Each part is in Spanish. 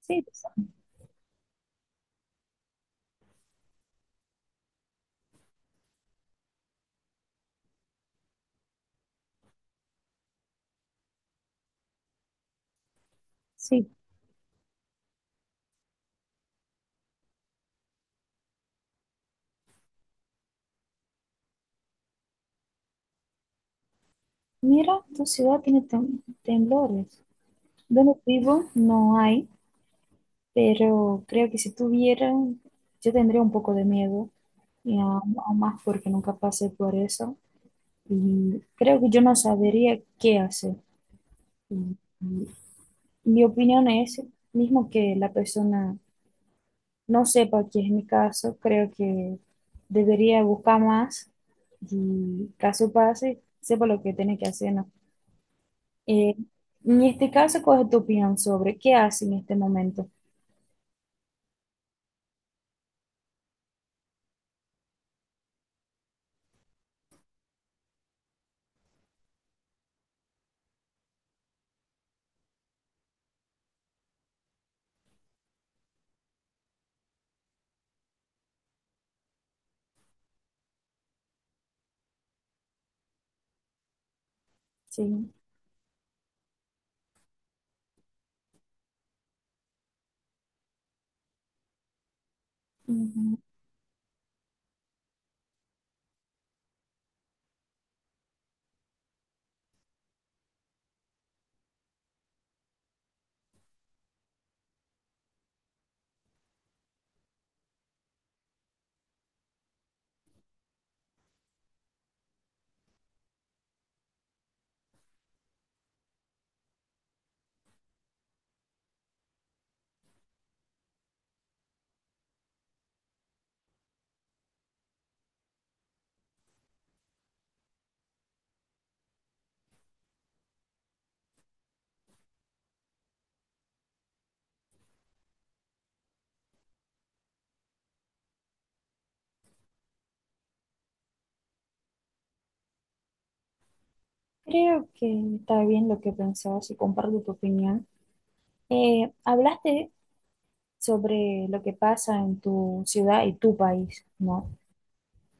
Sí, sí. Mira, tu ciudad tiene temblores. Donde vivo no hay, pero creo que si tuviera, yo tendría un poco de miedo, y aún más porque nunca pasé por eso. Y creo que yo no sabería qué hacer. Y mi opinión es, mismo que la persona no sepa que es mi caso, creo que debería buscar más y caso pase, sepa lo que tiene que hacer, ¿no? Eh, en este caso, ¿cuál es tu opinión sobre qué hace en este momento? Sí. Ujú. Creo que está bien lo que pensabas y comparto tu opinión. Hablaste sobre lo que pasa en tu ciudad y tu país, ¿no?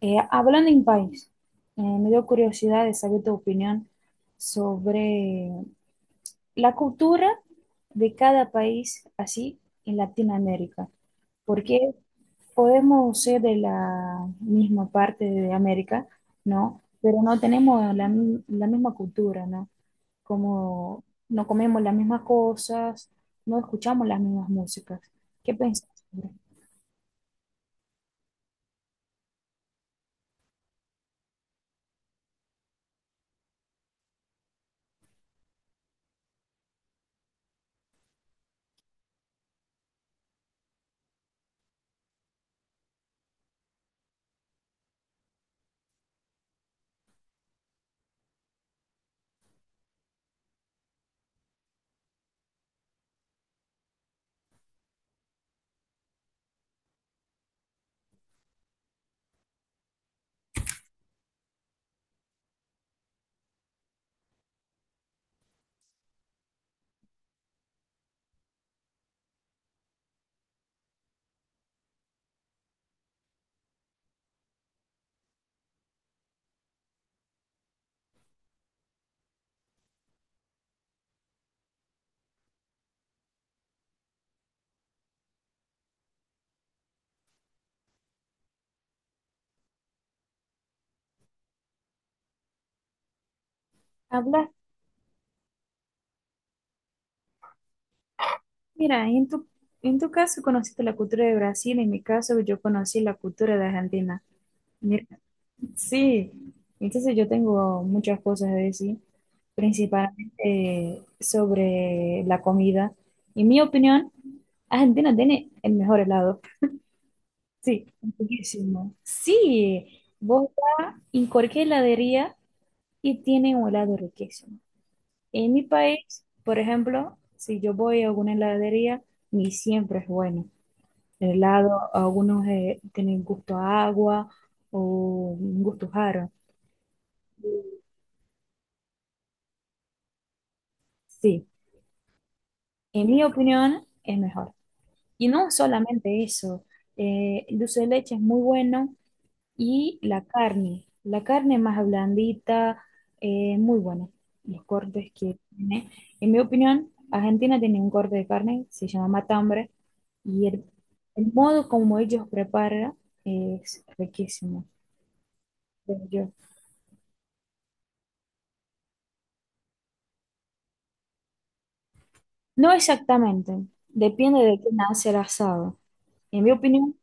Hablando en país, me dio curiosidad de saber tu opinión sobre la cultura de cada país así en Latinoamérica. Porque podemos ser de la misma parte de América, ¿no? Pero no tenemos la, la misma cultura, ¿no? Como no comemos las mismas cosas, no escuchamos las mismas músicas. ¿Qué piensas sobre eso? Hablas, mira, en tu caso conociste la cultura de Brasil, en mi caso yo conocí la cultura de Argentina. Mira, sí, entonces yo tengo muchas cosas a decir, principalmente sobre la comida. En mi opinión, Argentina tiene el mejor helado. Sí, riquísimo. Sí. Vos vas en cualquier heladería y tienen un helado riquísimo. En mi país, por ejemplo, si yo voy a alguna heladería, ni siempre es bueno. El helado, algunos tienen gusto a agua o un gusto raro. Sí, en mi opinión, es mejor. Y no solamente eso, el dulce de leche es muy bueno. Y la carne más blandita, muy buena. Los cortes que tiene. En mi opinión, Argentina tiene un corte de carne, se llama matambre, y el modo como ellos preparan es riquísimo. Creo yo. No exactamente, depende de quién hace el asado. En mi opinión,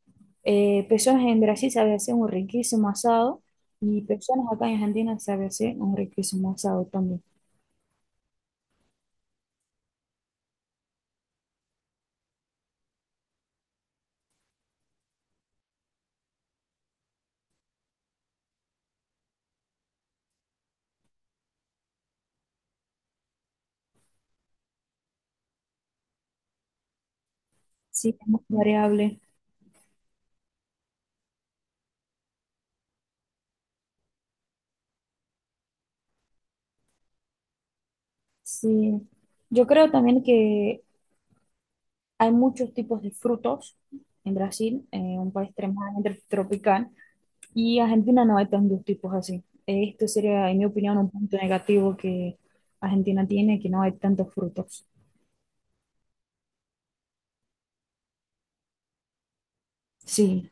personas en Brasil saben hacer un riquísimo asado y personas acá en Argentina saben hacer un riquísimo asado también. Sí, es muy variable. Sí, yo creo también que hay muchos tipos de frutos en Brasil, un país extremadamente tropical, y Argentina no hay tantos tipos así. Esto sería, en mi opinión, un punto negativo que Argentina tiene, que no hay tantos frutos. Sí.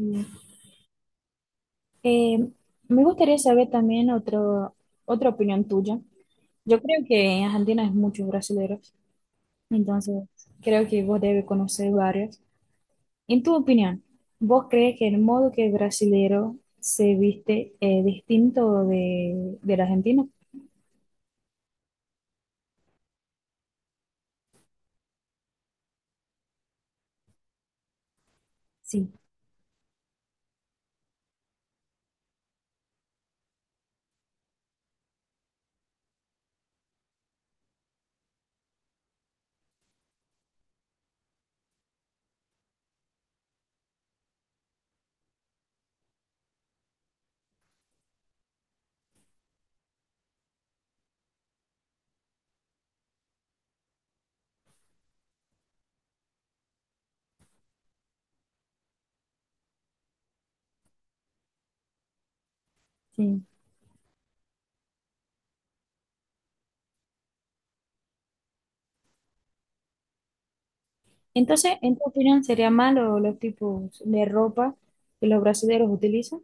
Mm. Eh, me gustaría saber también otra opinión tuya. Yo creo que en Argentina hay muchos brasileños, entonces creo que vos debes conocer varios. En tu opinión, ¿vos crees que el modo que el brasilero se viste es distinto de, del argentino? Sí, sí. Entonces, ¿en tu opinión sería malo los tipos de ropa que los brasileños utilizan?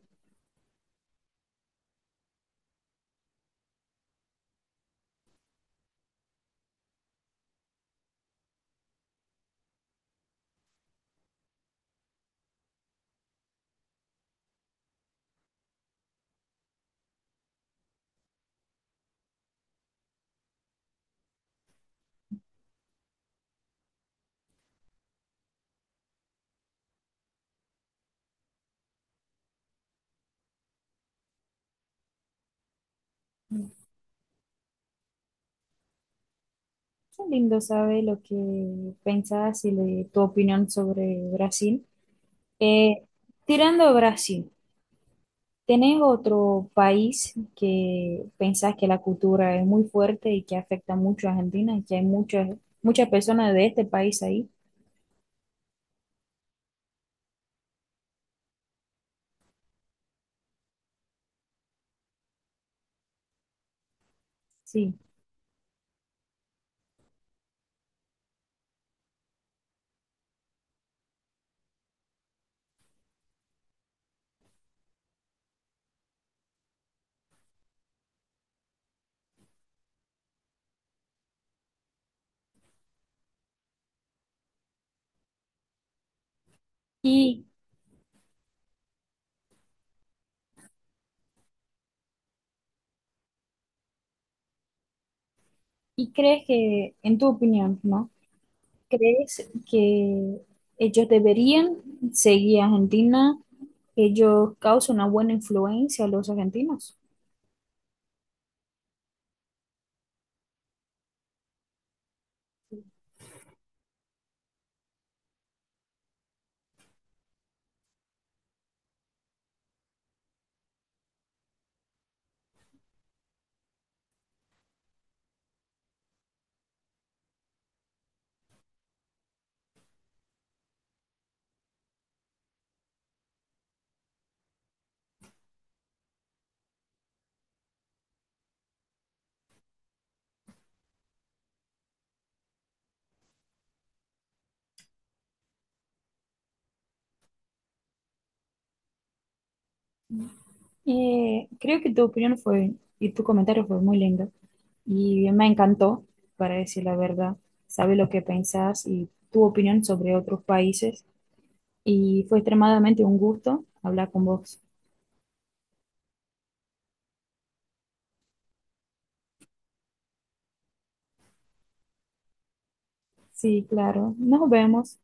Qué lindo saber lo que pensás y tu opinión sobre Brasil. Eh, tirando a Brasil, ¿tenés otro país que pensás que la cultura es muy fuerte y que afecta mucho a Argentina y que hay muchas personas de este país ahí? Sí. ¿Y y crees que, en tu opinión, ¿no? ¿Crees que ellos deberían seguir a Argentina? ¿Ellos causan una buena influencia a los argentinos? Creo que tu opinión fue, y tu comentario fue muy lindo. Y me encantó, para decir la verdad. Sabes lo que pensás y tu opinión sobre otros países. Y fue extremadamente un gusto hablar con vos. Sí, claro. Nos vemos.